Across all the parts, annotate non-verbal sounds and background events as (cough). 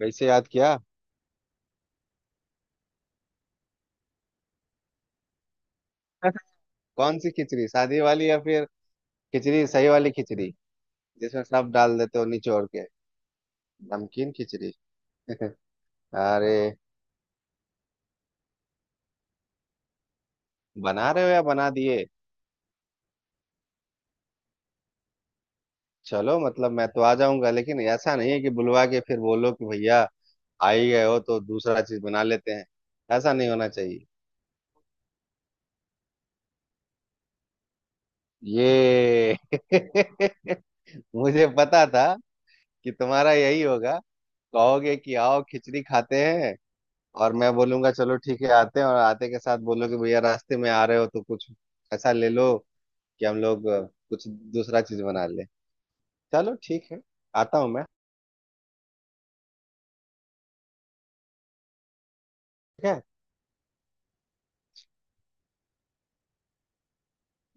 वैसे याद किया। कौन सी खिचड़ी, सादी वाली या फिर खिचड़ी, सही वाली खिचड़ी जिसमें सब डाल देते हो निचोड़ के, नमकीन खिचड़ी। (laughs) अरे बना रहे हो या बना दिए? चलो मतलब मैं तो आ जाऊंगा, लेकिन ऐसा नहीं है कि बुलवा के फिर बोलो कि भैया आ ही गए हो तो दूसरा चीज बना लेते हैं, ऐसा नहीं होना चाहिए। ये (laughs) मुझे पता था कि तुम्हारा यही होगा। कहोगे कि आओ खिचड़ी खाते हैं, और मैं बोलूंगा चलो ठीक है आते हैं, और आते के साथ बोलोगे भैया रास्ते में आ रहे हो तो कुछ ऐसा ले लो कि हम लोग कुछ दूसरा चीज बना ले। चलो ठीक है, आता हूँ मैं। ठीक है।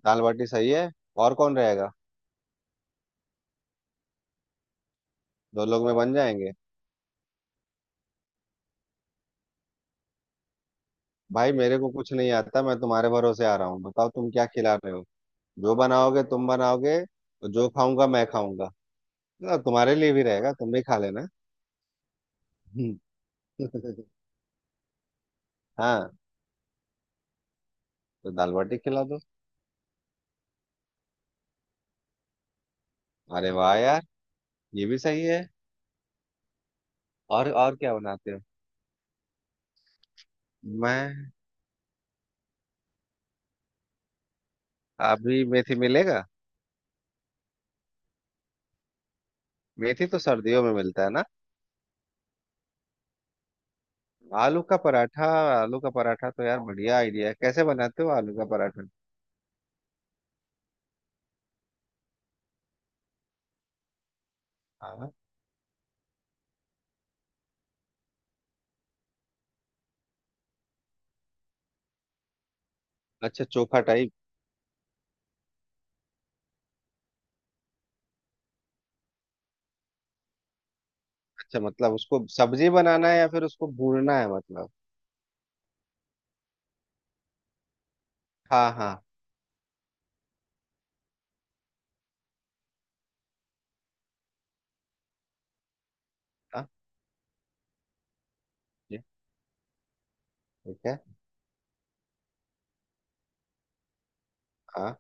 दाल बाटी सही है। और कौन रहेगा? दो लोग में बन जाएंगे। भाई मेरे को कुछ नहीं आता, मैं तुम्हारे भरोसे आ रहा हूँ, बताओ तुम क्या खिला रहे हो। जो बनाओगे तुम बनाओगे, और जो खाऊंगा मैं खाऊंगा। ना, तुम्हारे लिए भी रहेगा, तुम भी खा लेना। (laughs) हाँ, तो दाल बाटी खिला दो। अरे वाह यार, ये भी सही है। और क्या बनाते हो? मैं, अभी मेथी मिलेगा? मेथी तो सर्दियों में मिलता है ना। आलू का पराठा, आलू का पराठा तो यार बढ़िया आइडिया है, कैसे बनाते हो आलू का पराठा? हाँ। अच्छा चोखा टाइप। अच्छा मतलब उसको सब्जी बनाना है या फिर उसको भूनना है मतलब? हाँ हाँ। हाँ। जी, ठीक है। हाँ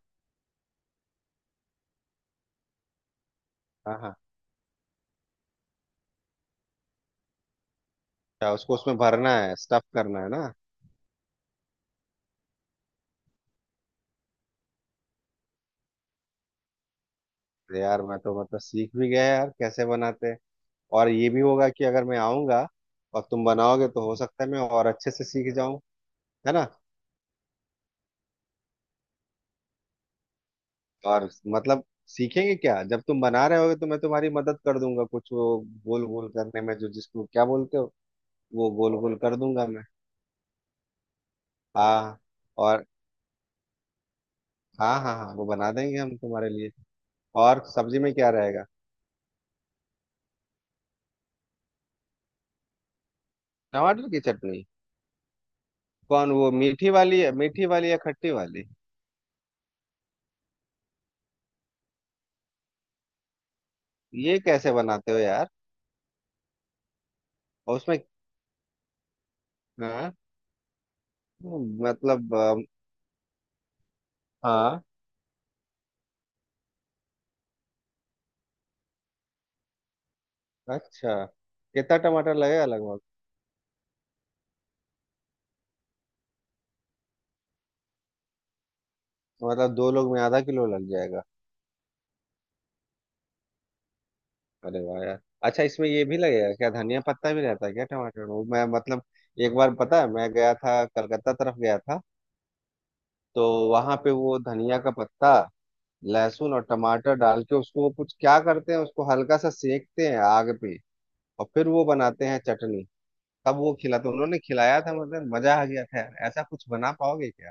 हाँ हाँ। अच्छा उसको उसमें भरना है, स्टफ करना है ना। अरे यार मैं तो मतलब सीख भी गया यार कैसे बनाते हैं। और ये भी होगा कि अगर मैं आऊंगा और तुम बनाओगे तो हो सकता है मैं और अच्छे से सीख जाऊं, है ना। और मतलब सीखेंगे क्या, जब तुम बना रहे होगे तो मैं तुम्हारी मदद कर दूंगा कुछ वो गोल गोल करने में, जो जिसको क्या बोलते हो, वो गोल गोल कर दूंगा मैं। हाँ। और हाँ हाँ हाँ, वो बना देंगे हम तुम्हारे लिए। और सब्जी में क्या रहेगा? टमाटर की चटनी? कौन, वो मीठी वाली, मीठी वाली या खट्टी वाली? ये कैसे बनाते हो यार? और उसमें? हाँ। मतलब हाँ। अच्छा। कितना टमाटर लगेगा लगभग? मतलब दो लोग में आधा किलो लग जाएगा? अरे वाह यार। अच्छा इसमें ये भी लगेगा क्या, धनिया पत्ता भी रहता है क्या टमाटर में, मैं मतलब एक बार पता है मैं गया था, कलकत्ता तरफ गया था, तो वहां पे वो धनिया का पत्ता, लहसुन और टमाटर डाल के उसको वो कुछ क्या करते हैं उसको हल्का सा सेकते हैं आग पे, और फिर वो बनाते हैं चटनी। तब वो खिलाते, उन्होंने खिलाया था, मतलब मजा आ गया था यार। ऐसा कुछ बना पाओगे क्या?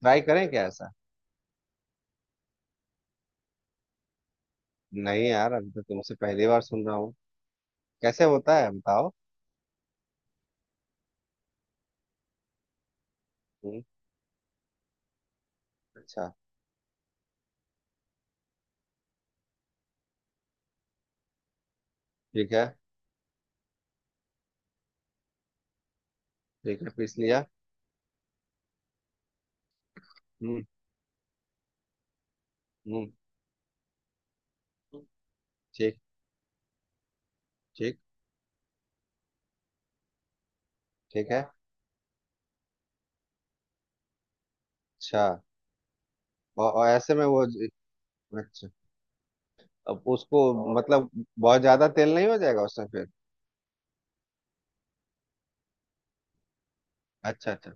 ट्राई करें क्या ऐसा? नहीं यार अभी तो तुमसे पहली बार सुन रहा हूँ। कैसे होता है बताओ। हम्म, अच्छा। ठीक है। ठीक है, पीस लिया। हम्म। हम्म। ठीक। ठीक। ठीक है। अच्छा। और ऐसे में वो, अच्छा, अब उसको मतलब बहुत ज्यादा तेल नहीं हो जाएगा उसमें फिर? अच्छा अच्छा।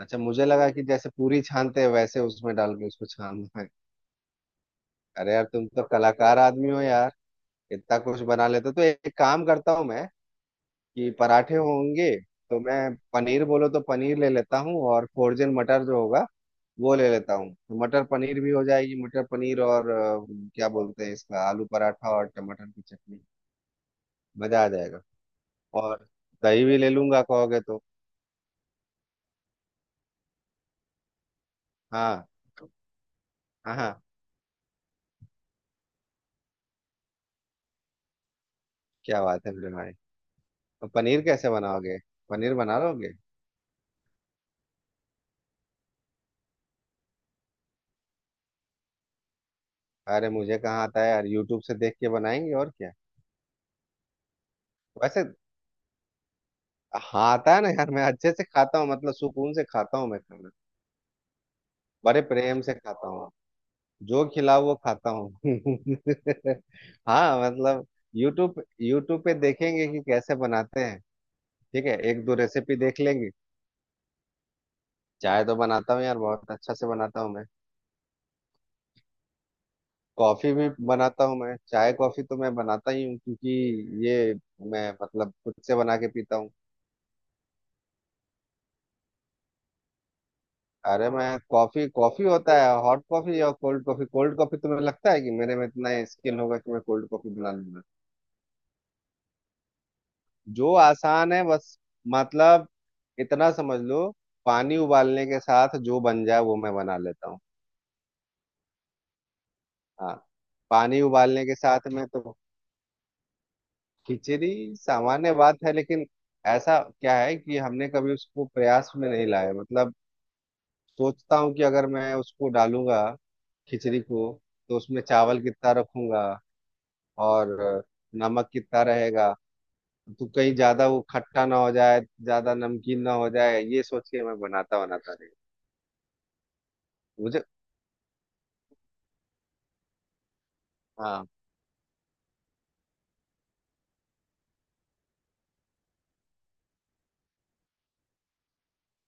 अच्छा मुझे लगा कि जैसे पूरी छानते हैं वैसे उसमें डाल के उसको छानना है। अरे यार तुम तो कलाकार आदमी हो यार, इतना कुछ बना लेते हो। तो एक काम करता हूँ मैं कि पराठे होंगे तो मैं पनीर बोलो तो पनीर ले लेता हूँ, और फोर्जन मटर जो होगा वो ले लेता हूँ, तो मटर पनीर भी हो जाएगी, मटर पनीर और क्या बोलते हैं इसका, आलू पराठा और टमाटर की चटनी। मजा आ जाएगा। और दही भी ले लूंगा कहोगे तो। हाँ हाँ हाँ। क्या बात है मेरे भाई। तो पनीर कैसे बनाओगे? पनीर बना लोगे? अरे मुझे कहाँ आता है यार, यूट्यूब से देख के बनाएंगे और क्या। वैसे हाँ आता है ना यार, मैं अच्छे से खाता हूँ, मतलब सुकून से खाता हूँ मैं खाना, बड़े प्रेम से खाता हूँ, जो खिलाओ वो खाता हूँ। (laughs) हाँ मतलब यूट्यूब यूट्यूब पे देखेंगे कि कैसे बनाते हैं, ठीक है, एक दो रेसिपी देख लेंगे। चाय तो बनाता हूँ यार, बहुत अच्छा से बनाता हूँ मैं। कॉफी भी बनाता हूँ मैं, चाय कॉफी तो मैं बनाता ही हूँ, क्योंकि ये मैं मतलब खुद से बना के पीता हूँ। अरे मैं, कॉफी कॉफी होता है, हॉट कॉफी या कोल्ड कॉफी, कोल्ड कॉफी तुम्हें लगता है कि मेरे में इतना स्किल होगा कि मैं कोल्ड कॉफी बना लूंगा? जो आसान है बस, मतलब इतना समझ लो, पानी उबालने के साथ जो बन जाए वो मैं बना लेता हूँ। हाँ। पानी उबालने के साथ में तो, खिचड़ी सामान्य बात है लेकिन, ऐसा क्या है कि हमने कभी उसको प्रयास में नहीं लाया, मतलब सोचता हूँ कि अगर मैं उसको डालूंगा खिचड़ी को, तो उसमें चावल कितना रखूंगा और नमक कितना रहेगा, तो कहीं ज्यादा वो खट्टा ना हो जाए, ज्यादा नमकीन ना हो जाए, ये सोच के मैं बनाता, बनाता नहीं। मुझे, हाँ।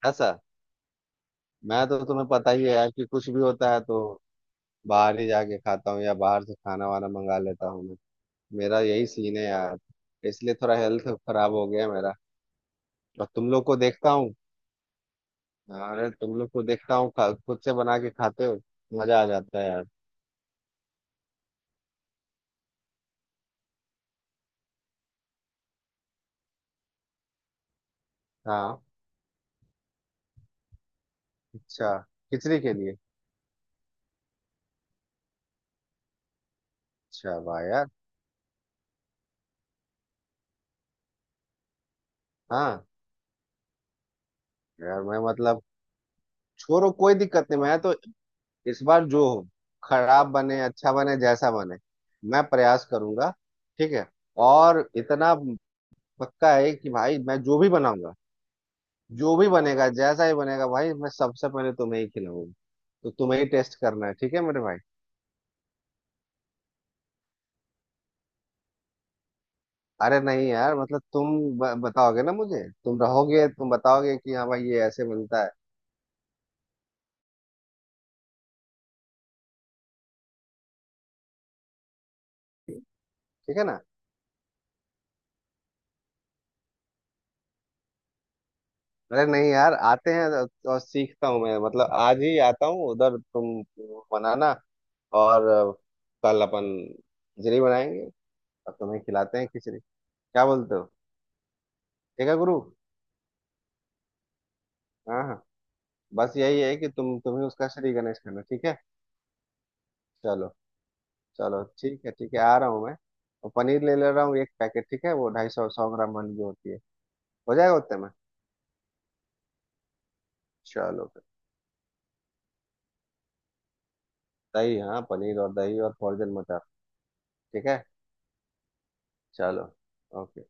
ऐसा? मैं तो तुम्हें पता ही है यार कि कुछ भी होता है तो बाहर ही जाके खाता हूँ या बाहर से खाना वाना मंगा लेता हूँ मैं, मेरा यही सीन है यार। इसलिए थोड़ा हेल्थ खराब हो गया है मेरा। और तुम लोग को देखता हूँ, अरे तुम लोग को देखता हूँ खुद से बना के खाते हो, मजा आ जाता है यार। हाँ। अच्छा, खिचड़ी के लिए? अच्छा वाह यार। हाँ। यार मैं मतलब छोड़ो कोई दिक्कत नहीं, मैं तो इस बार जो हो, खराब बने अच्छा बने जैसा बने, मैं प्रयास करूंगा, ठीक है। और इतना पक्का है कि भाई मैं जो भी बनाऊंगा, जो भी बनेगा जैसा ही बनेगा भाई, मैं सबसे पहले तुम्हें ही खिलाऊंगा, तो तुम्हें ही टेस्ट करना है, ठीक है मेरे भाई। अरे नहीं यार मतलब तुम बताओगे ना मुझे, तुम रहोगे तुम बताओगे कि हाँ भाई ये ऐसे बनता है, ठीक है ना। अरे नहीं यार, आते हैं और सीखता हूँ मैं, मतलब आज ही आता हूँ उधर, तुम बनाना, और कल अपन खिचड़ी बनाएंगे और तुम्हें खिलाते हैं खिचड़ी, क्या बोलते हो। ठीक है गुरु। हाँ हाँ। बस यही है कि तुम्हें उसका श्री गणेश करना, ठीक है। चलो। चलो ठीक है ठीक है, आ रहा हूँ मैं। और पनीर ले ले रहा हूँ एक पैकेट, ठीक है वो ढाई सौ सौ ग्राम वाली जो होती है। हो जाएगा उतने में? चलो। दही, हाँ पनीर और दही और फॉर्जन मटर। ठीक है। चलो। ओके।